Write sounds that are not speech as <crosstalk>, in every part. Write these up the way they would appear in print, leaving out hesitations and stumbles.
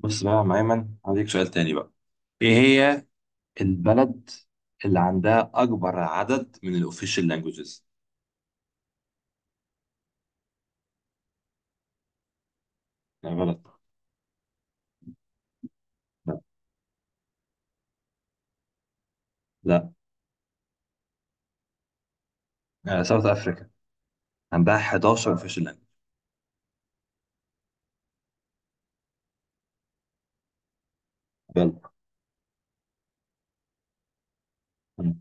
بص بقى يا عم أيمن، هديك سؤال تاني بقى. إيه هي البلد اللي عندها أكبر عدد من الأوفيشال لانجوجز؟ لا، غلط. لا، لا. ساوث أفريكا عندها 11 أوفيشال لانجوج. غلط. أنا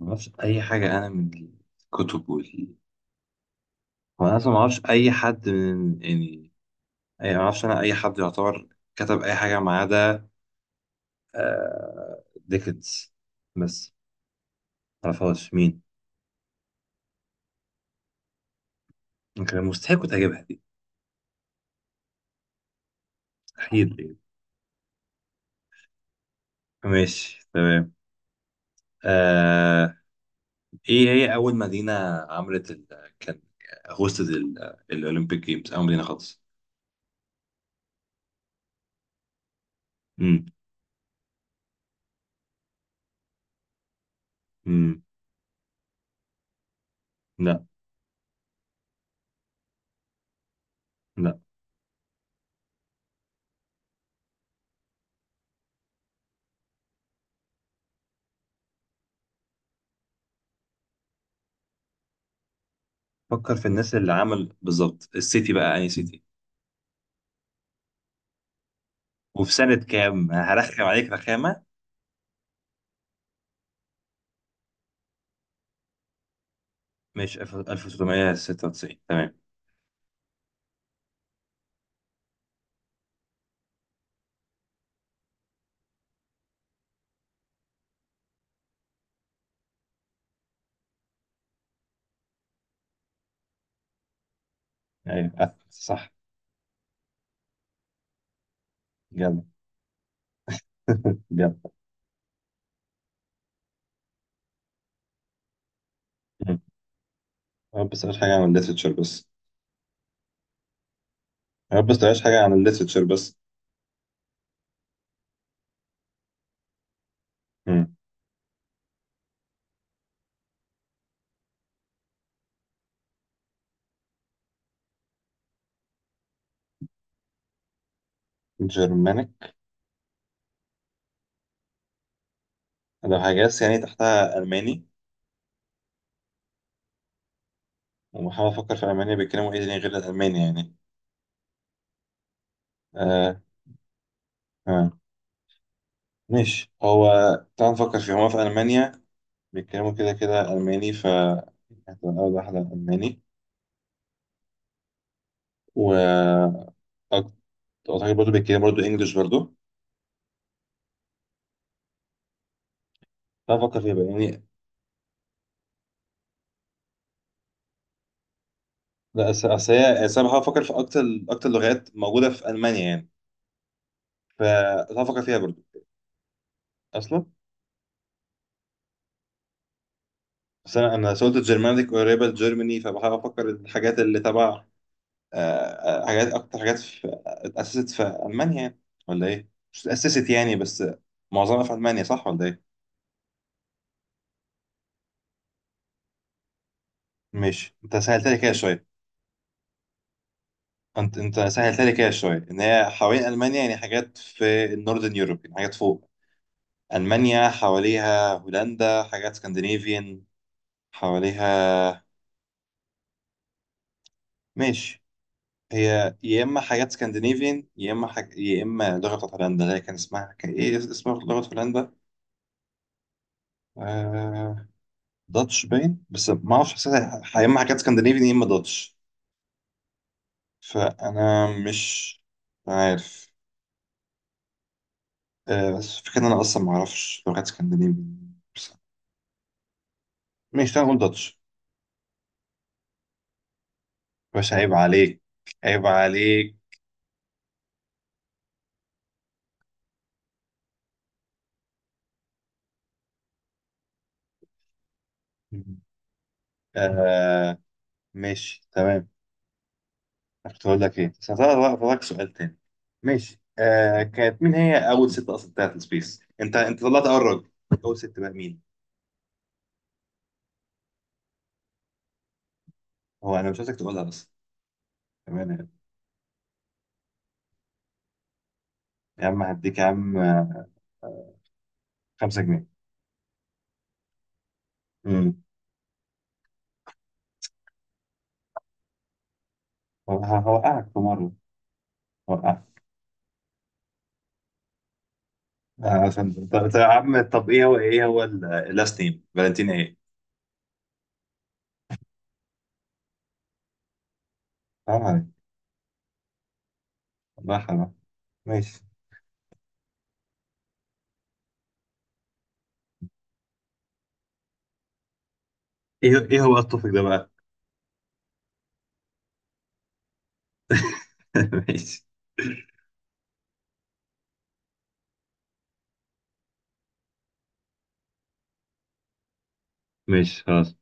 ما أعرفش أي حاجة، أنا من الكتب وأنا أصلا ما أعرفش أي حد، من يعني، أي، ما أعرفش أنا أي حد يعتبر كتب أي حاجة ما عدا ديكنز بس، ما أعرفهاش مين. كان مستحيل كنت هجيبها دي، مستحيل. ماشي، تمام. آه ايه هي اول مدينة عملت ال... كان هوستد الاولمبيك جيمز، اول مدينة خالص؟ امم امم لا، لا. فكر في الناس اللي عمل بالظبط، السيتي بقى، اي سيتي. وفي سنة كام، هرخم عليك رخامة. مش 1996، تمام. ايوه، صح. جدع، جدع. <laughs> مم. يا رب بس مش حاجة عن الليترتشر، بس يا رب بس مش حاجة عن الليترتشر بس. مم. جرمانيك. لو هجاس يعني، تحتها ألماني. وبحاول أفكر في ألمانيا بيتكلموا إيه تاني غير الألماني يعني. أه، آه. ماشي. هو تعال نفكر فيه، هما في ألمانيا بيتكلموا كده كده ألماني، ف يعني هتبقى أول واحدة ألماني. و أك- أعتقد برضه بيتكلموا برضه إنجلش برضه. تعال نفكر فيها بقى يعني. لا، أصل أنا بحاول أفكر في أكتر، أكتر لغات موجودة في ألمانيا يعني، فتعال نفكر فيها برضه. أصلا، بس أنا، سولت الجرمانيك قريبة لجيرماني، فبحاول أفكر الحاجات اللي تبع. آه، حاجات، اكتر حاجات في اتاسست في المانيا يعني، ولا ايه؟ مش اتاسست يعني، بس معظمها في المانيا، صح ولا ايه؟ ماشي، انت سهلت لي كده شويه. انت، سهلت لي كده شويه ان هي حوالين المانيا يعني، حاجات في النوردن يوروب يعني، حاجات فوق المانيا، حواليها هولندا، حاجات سكندنافيان حواليها. ماشي. هي يا اما حاجات سكندنافيان، يا اما يا اما لغه بتاعت هولندا اللي هي، كان اسمها، كان ايه اسم لغه هولندا؟ آه، داتش باين، بس ما اعرفش، حسيتها يا اما حاجات اسكندنافي، يا اما داتش، فانا مش عارف. بس فكرة ان انا اصلا ما اعرفش لغات اسكندنافي بس. ماشي، تعالى نقول داتش. بس عيب عليك، عيب عليك. آه، ماشي تمام. كنت هقول لك ايه، بس هسألك بقى، هسألك سؤال تاني. ماشي. كانت مين هي اول ست اصلا بتاعت السبيس؟ انت، طلعت اول راجل، اول ست بقى مين؟ هو انا مش عايزك تقولها بس. تمام. يا عم هديك يا عم 5 جنيه. مم. هوقعك في مرة، هوقعك. عشان <laughs> طب، طب يا عم، طب ايه هو، اللاست نيم، فالنتين ايه؟ حرام عليك، والله حرام عليك. ماشي. ايه هو التوبيك ده بقى؟ <laughs> ماشي. ماشي خلاص.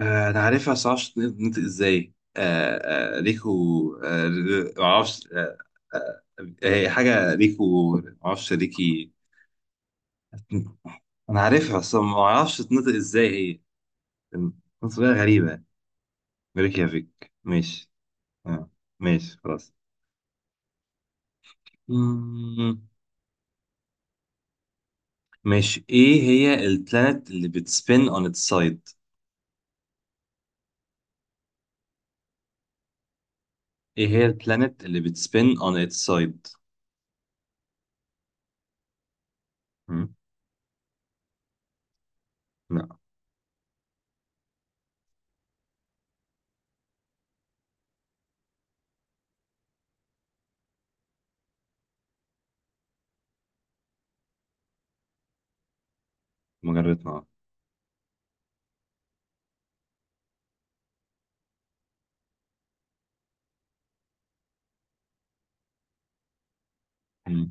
انا عارفها بس معرفش تنطق ازاي. ريكو، آه، معرفش. آه، هي حاجة ريكو، معرفش، ريكي، انا عارفها بس معرفش تنطق ازاي، هي تنطق غريبة. ريكيافيك، ماشي. آه، ماشي خلاص. مم. ماشي، ايه هي البلانت اللي بتسبين on its side؟ ايه هي البلانت اللي بتسبين on its side؟ مم. لا، مجرد نار. مم.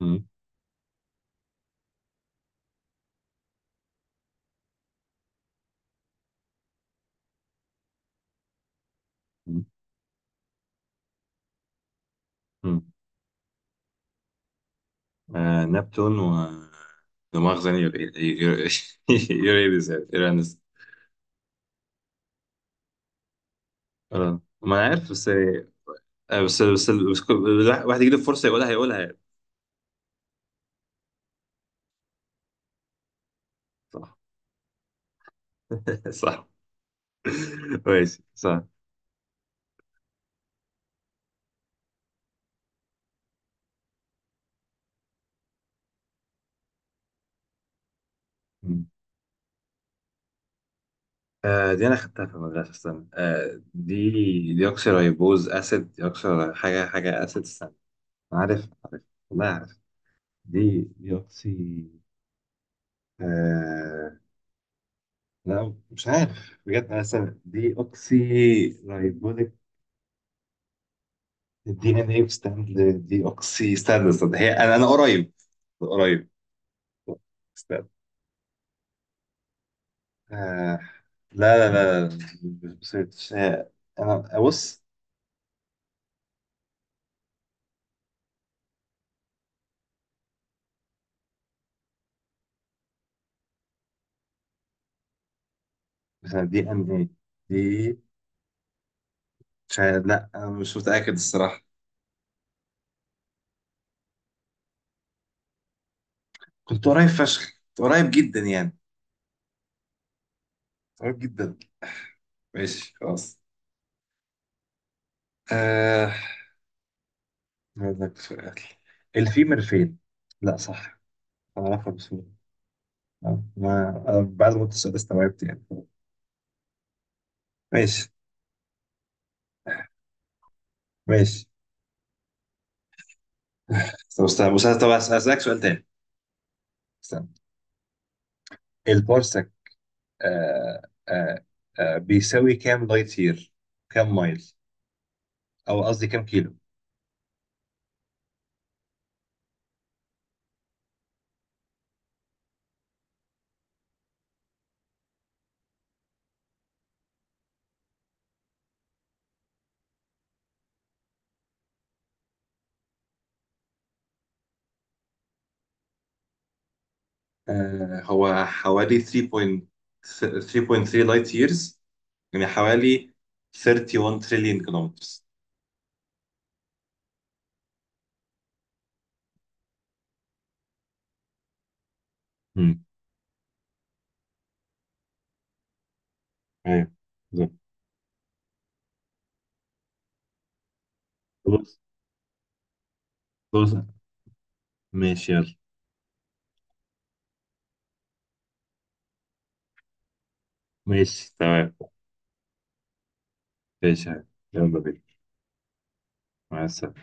مم. مم. مم. نبتون و، دماغ يعني، يوريدس، <laughs> يعني يورانس. ما انا عارف بس، بس واحد يجي له فرصه يقولها، هيقولها يعني. صح. <laughs> صح. ماشي، صح. دي انا خدتها في المدرسه، استنى. دي ديوكسيريبوز اسيد، ديوكسي، حاجه حاجه اسيد، استنى. عارف، عارف، والله عارف. دي ديوكسي، آه، لا مش عارف بجد انا، استنى، دي اوكسي رايبوزيك. الدي ان ايه ستاند، دي اوكسي ستاند، استنى، هي، انا، قريب، قريب. استنى. آه لا، لا، لا، لا، مش مش- مش- انا، بص. مثلا دي ان ايه، مش عارف- لا انا مش متاكد الصراحه. كنت قريب فشخ، كنت قريب جدا يعني، قريب جدا. ماشي خلاص. آه. هقول لك سؤال، الفيمر فين؟ لا صح، انا عارفها بس، أنا بعد ما قلت السؤال استوعبت يعني. ماشي، ماشي. طب استنى بس، طب اسالك سؤال تاني. استنى. البارسك آه آه بيساوي كام لايت يير؟ كام مايل؟ او قصدي كام كيلو؟ آه، هو حوالي 3.3 لايت ييرز، يعني حوالي 31 تريليون كيلومترز. امم ايوه، بالظبط. خلاص، خلاص. ماشي، يلا. ماشي، تمام. ماشي، يلا بينا. مع السلامة.